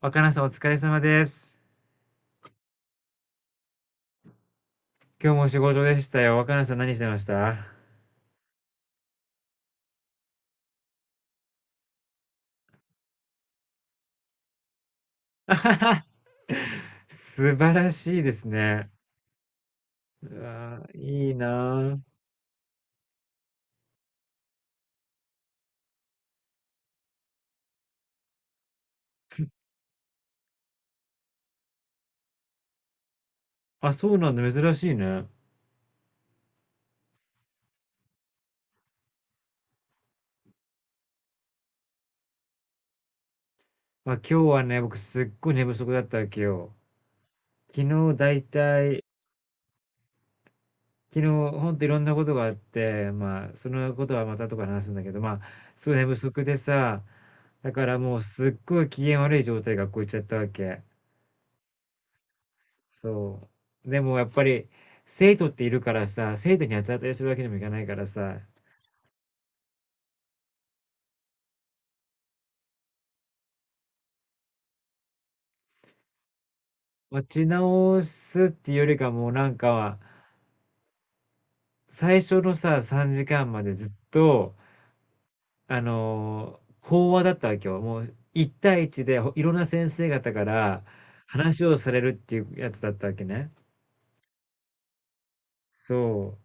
若菜さんお疲れ様です。今日も仕事でしたよ。若菜さん何してました？ 素晴らしいですね。うわー、いいなあ。あ、そうなんだ。珍しいね。まあ、今日はね、僕すっごい寝不足だったわけよ。昨日だいたい、昨日ほんといろんなことがあって、まあ、そのことはまたとか話すんだけど、まあ、すごい寝不足でさ、だからもうすっごい機嫌悪い状態で学校行っちゃったわけ。そう。でもやっぱり、生徒っているからさ、生徒に八つ当たりするわけにもいかないからさ、持ち直すっていうよりかもうなんか、最初のさ、3時間までずっと、講話だったわけよ。もう、一対一でほいろんな先生方から話をされるっていうやつだったわけね。そ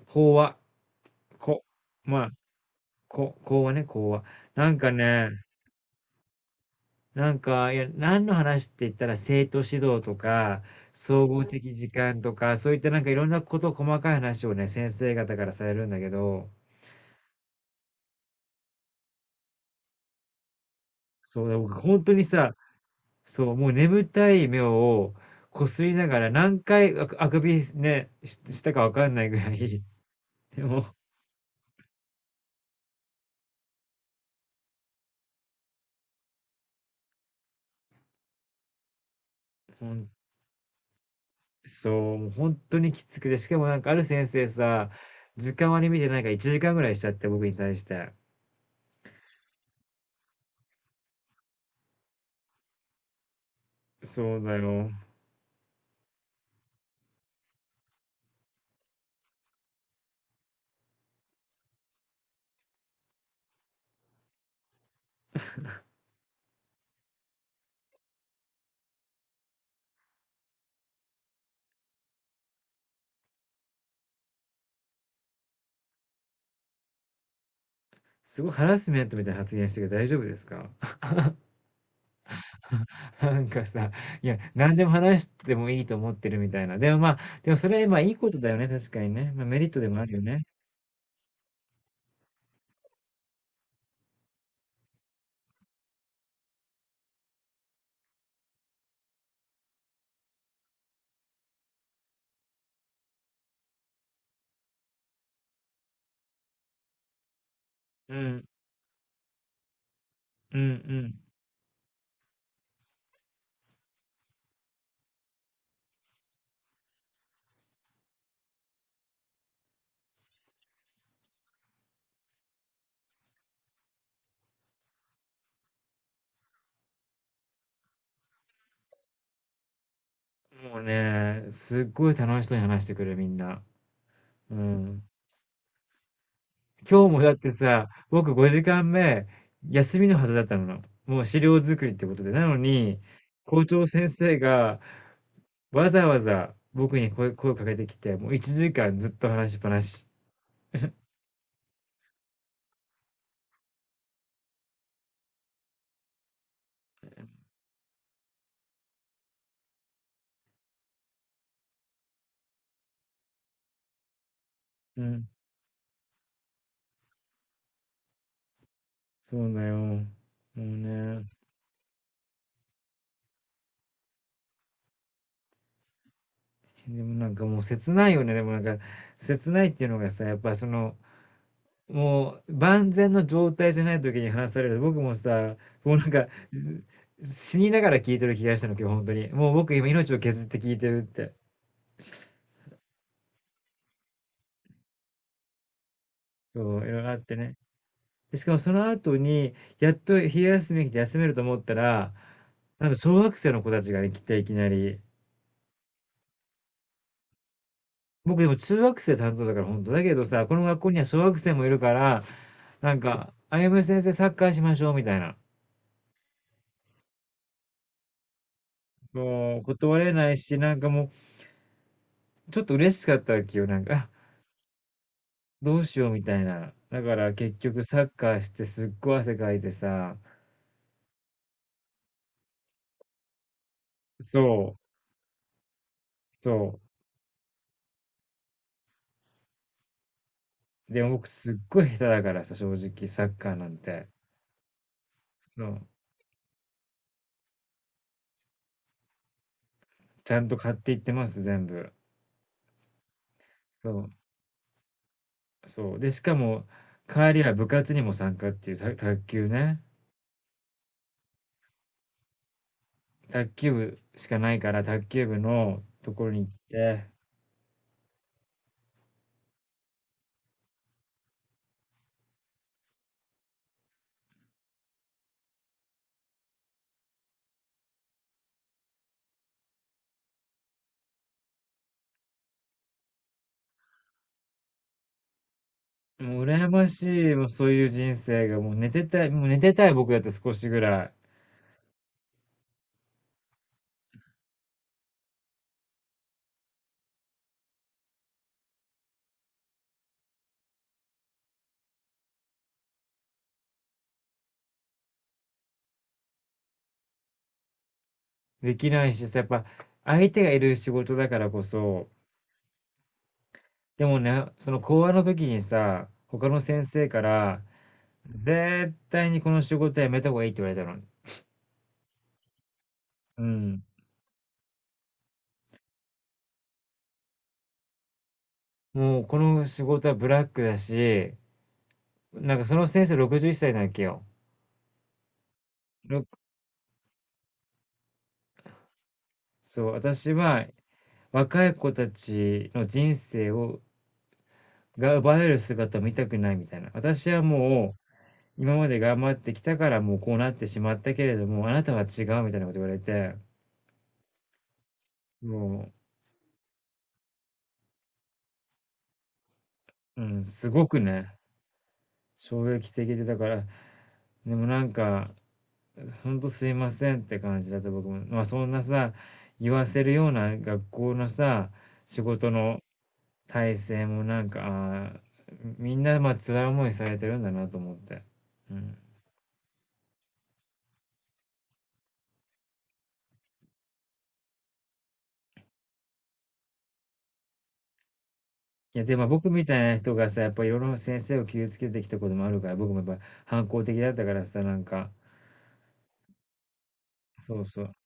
う。講話。こ、まあ、こ、講話ね、講話。なんかね、なんか、いや、何の話って言ったら、生徒指導とか、総合的時間とか、そういったなんかいろんなこと、細かい話をね、先生方からされるんだけど、そうだ、僕ほんとにさ、そう、もう眠たい目をこすりながら何回あくあくびね、ししたかわかんないぐらい、でも、ほんそう、もうほんとにきつくて、しかもなんかある先生さ、時間割り見てなんか1時間ぐらいしちゃって、僕に対して。そうだよ。すごいハラスメントみたいな発言してるけど大丈夫ですか？なんかさ、いや、何でも話してもいいと思ってるみたいな。でもまあ、でもそれ、まあいいことだよね、確かにね。まあメリットでもあるよね。うん、うん、うん。もうね、すっごい楽しそうに話してくる、みんな。うん。今日もだってさ、僕5時間目、休みのはずだったの。もう資料作りってことで。なのに、校長先生がわざわざ僕に声、声をかけてきて、もう1時間ずっと話しっぱなし。うん、そうだよ。もうね。でもなんかもう切ないよね。でもなんか切ないっていうのがさ、やっぱその、もう万全の状態じゃない時に話される。僕もさ、もうなんか死にながら聞いてる気がしたの、今日本当に。もう僕今命を削って聞いてるって。そう、いろいろあってね。で、しかもその後に、やっと昼休み来て休めると思ったら、なんか小学生の子たちが来ていきなり。僕でも中学生担当だから本当だけどさ、この学校には小学生もいるから、なんか、あゆむ先生サッカーしましょうみたいな。もう断れないし、なんかもう、ちょっと嬉しかったわけよ。なんか、あ、どうしようみたいな。だから結局サッカーしてすっごい汗かいてさ、そう、そう。でも僕すっごい下手だからさ、正直サッカーなんて。そう。ちゃんと買っていってます、全部。そう、そう。で、しかも、帰りは部活にも参加っていう、た卓球ね。卓球部しかないから、卓球部のところに行って、もう羨ましい、もうそういう人生が、もう寝てたい、もう寝てたい僕だって少しぐらいできないしさ、やっぱ相手がいる仕事だからこそ、でもね、その講話の時にさ、他の先生から、絶対にこの仕事はやめた方がいいって言われたの。うん。もうこの仕事はブラックだし、なんかその先生61歳なわけよ。ろそう、私は若い子たちの人生を、が奪われる姿を見たくないみたいな。私はもう、今まで頑張ってきたからもうこうなってしまったけれども、あなたは違うみたいなこと言われて、もう、うん、すごくね、衝撃的で、だから、でもなんか、ほんとすいませんって感じだった僕も。まあそんなさ、言わせるような学校のさ、仕事の体制もなんか、ああ、みんなまあ辛い思いされてるんだなと思って。うん。いやでも僕みたいな人がさ、やっぱいろいろ先生を傷つけてきたこともあるから、僕もやっぱ反抗的だったからさ、なんかそうそう。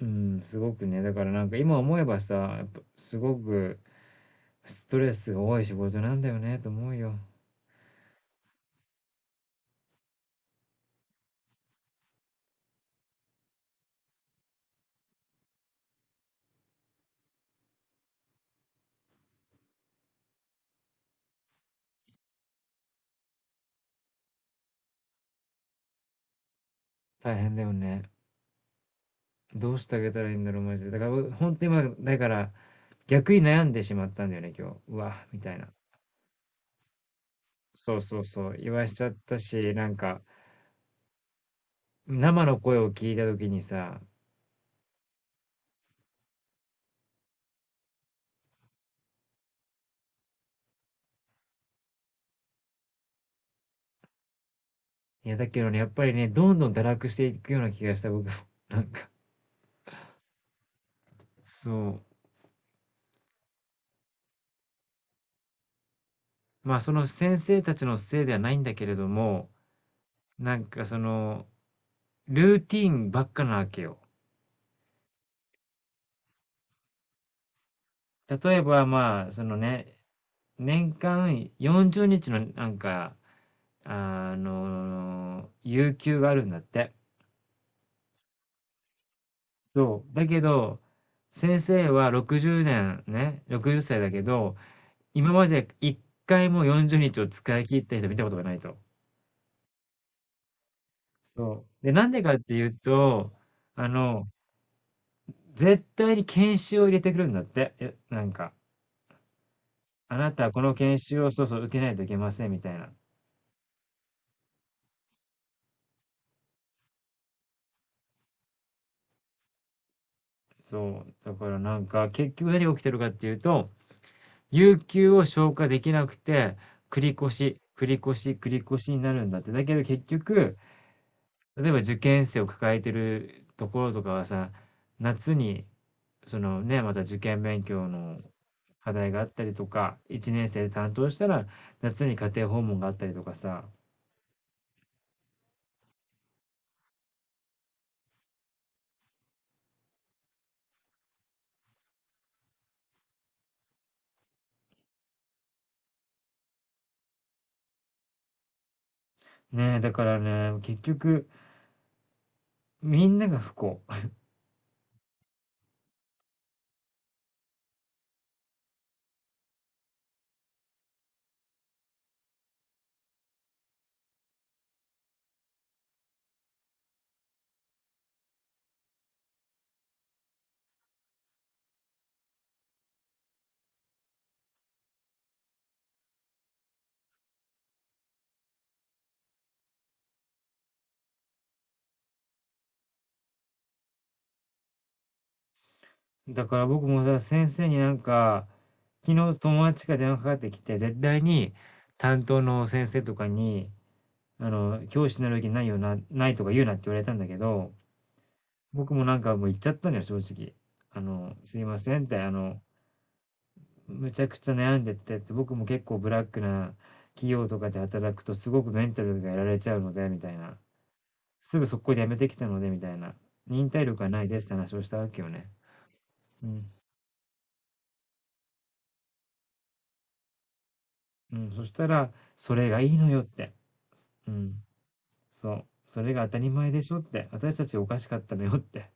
うん、すごくね、だからなんか今思えばさ、やっぱすごくストレスが多い仕事なんだよねと思うよ。大変だよね。どうしてあげたらいいんだろう、マジで。だから、ほんと今、だから、逆に悩んでしまったんだよね、今日。うわ、みたいな。そうそうそう、言わしちゃったし、なんか、生の声を聞いた時にさ、いや、だけどね、やっぱりね、どんどん堕落していくような気がした、僕も。なんか、そう。まあ、その先生たちのせいではないんだけれども、なんかその、ルーティーンばっかなわけよ。例えば、まあ、そのね、年間40日のなんか、あの、有給があるんだって。そう。だけど、先生は60年ねんね、60歳だけど、今まで一回も40日を使い切った人見たことがないと。そう。で、なんでかっていうと、あの、絶対に研修を入れてくるんだって。えなんか、あなたはこの研修をそうそう受けないといけませんみたいな。そう、だからなんか、結局何が起きてるかっていうと、有給を消化できなくて、繰り越し、繰り越し、繰り越しになるんだって。だけど結局、例えば受験生を抱えてるところとかはさ、夏に、そのね、また受験勉強の課題があったりとか、1年生で担当したら、夏に家庭訪問があったりとかさ、ねえ、だからね、結局、みんなが不幸。だから僕もさ、先生になんか、昨日友達から電話かかってきて、絶対に担当の先生とかに、あの、教師になる気ないよな、ないとか言うなって言われたんだけど、僕もなんかもう言っちゃったんだよ、正直。あの、すいませんって、あの、むちゃくちゃ悩んでてって、僕も結構ブラックな企業とかで働くとすごくメンタルがやられちゃうので、みたいな。すぐ速攻で辞めてきたので、みたいな。忍耐力がないですって話をしたわけよね。うん。うん、そしたら、それがいいのよって。うん、そう。それが当たり前でしょって、私たちおかしかったのよって。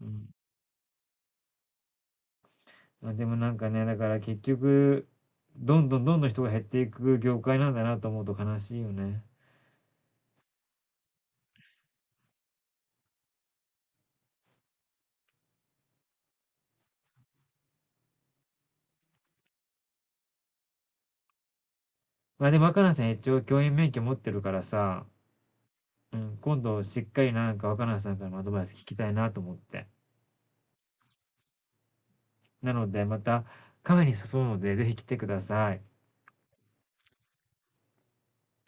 うん。まあ、でもなんかね、だから結局、どんどんどんどん人が減っていく業界なんだなと思うと悲しいよね。ま、でも若菜さん一応教員免許持ってるからさ、うん、今度しっかりなんか若菜さんからのアドバイス聞きたいなと思って。なのでまたカフェに誘うので、ぜひ来てください。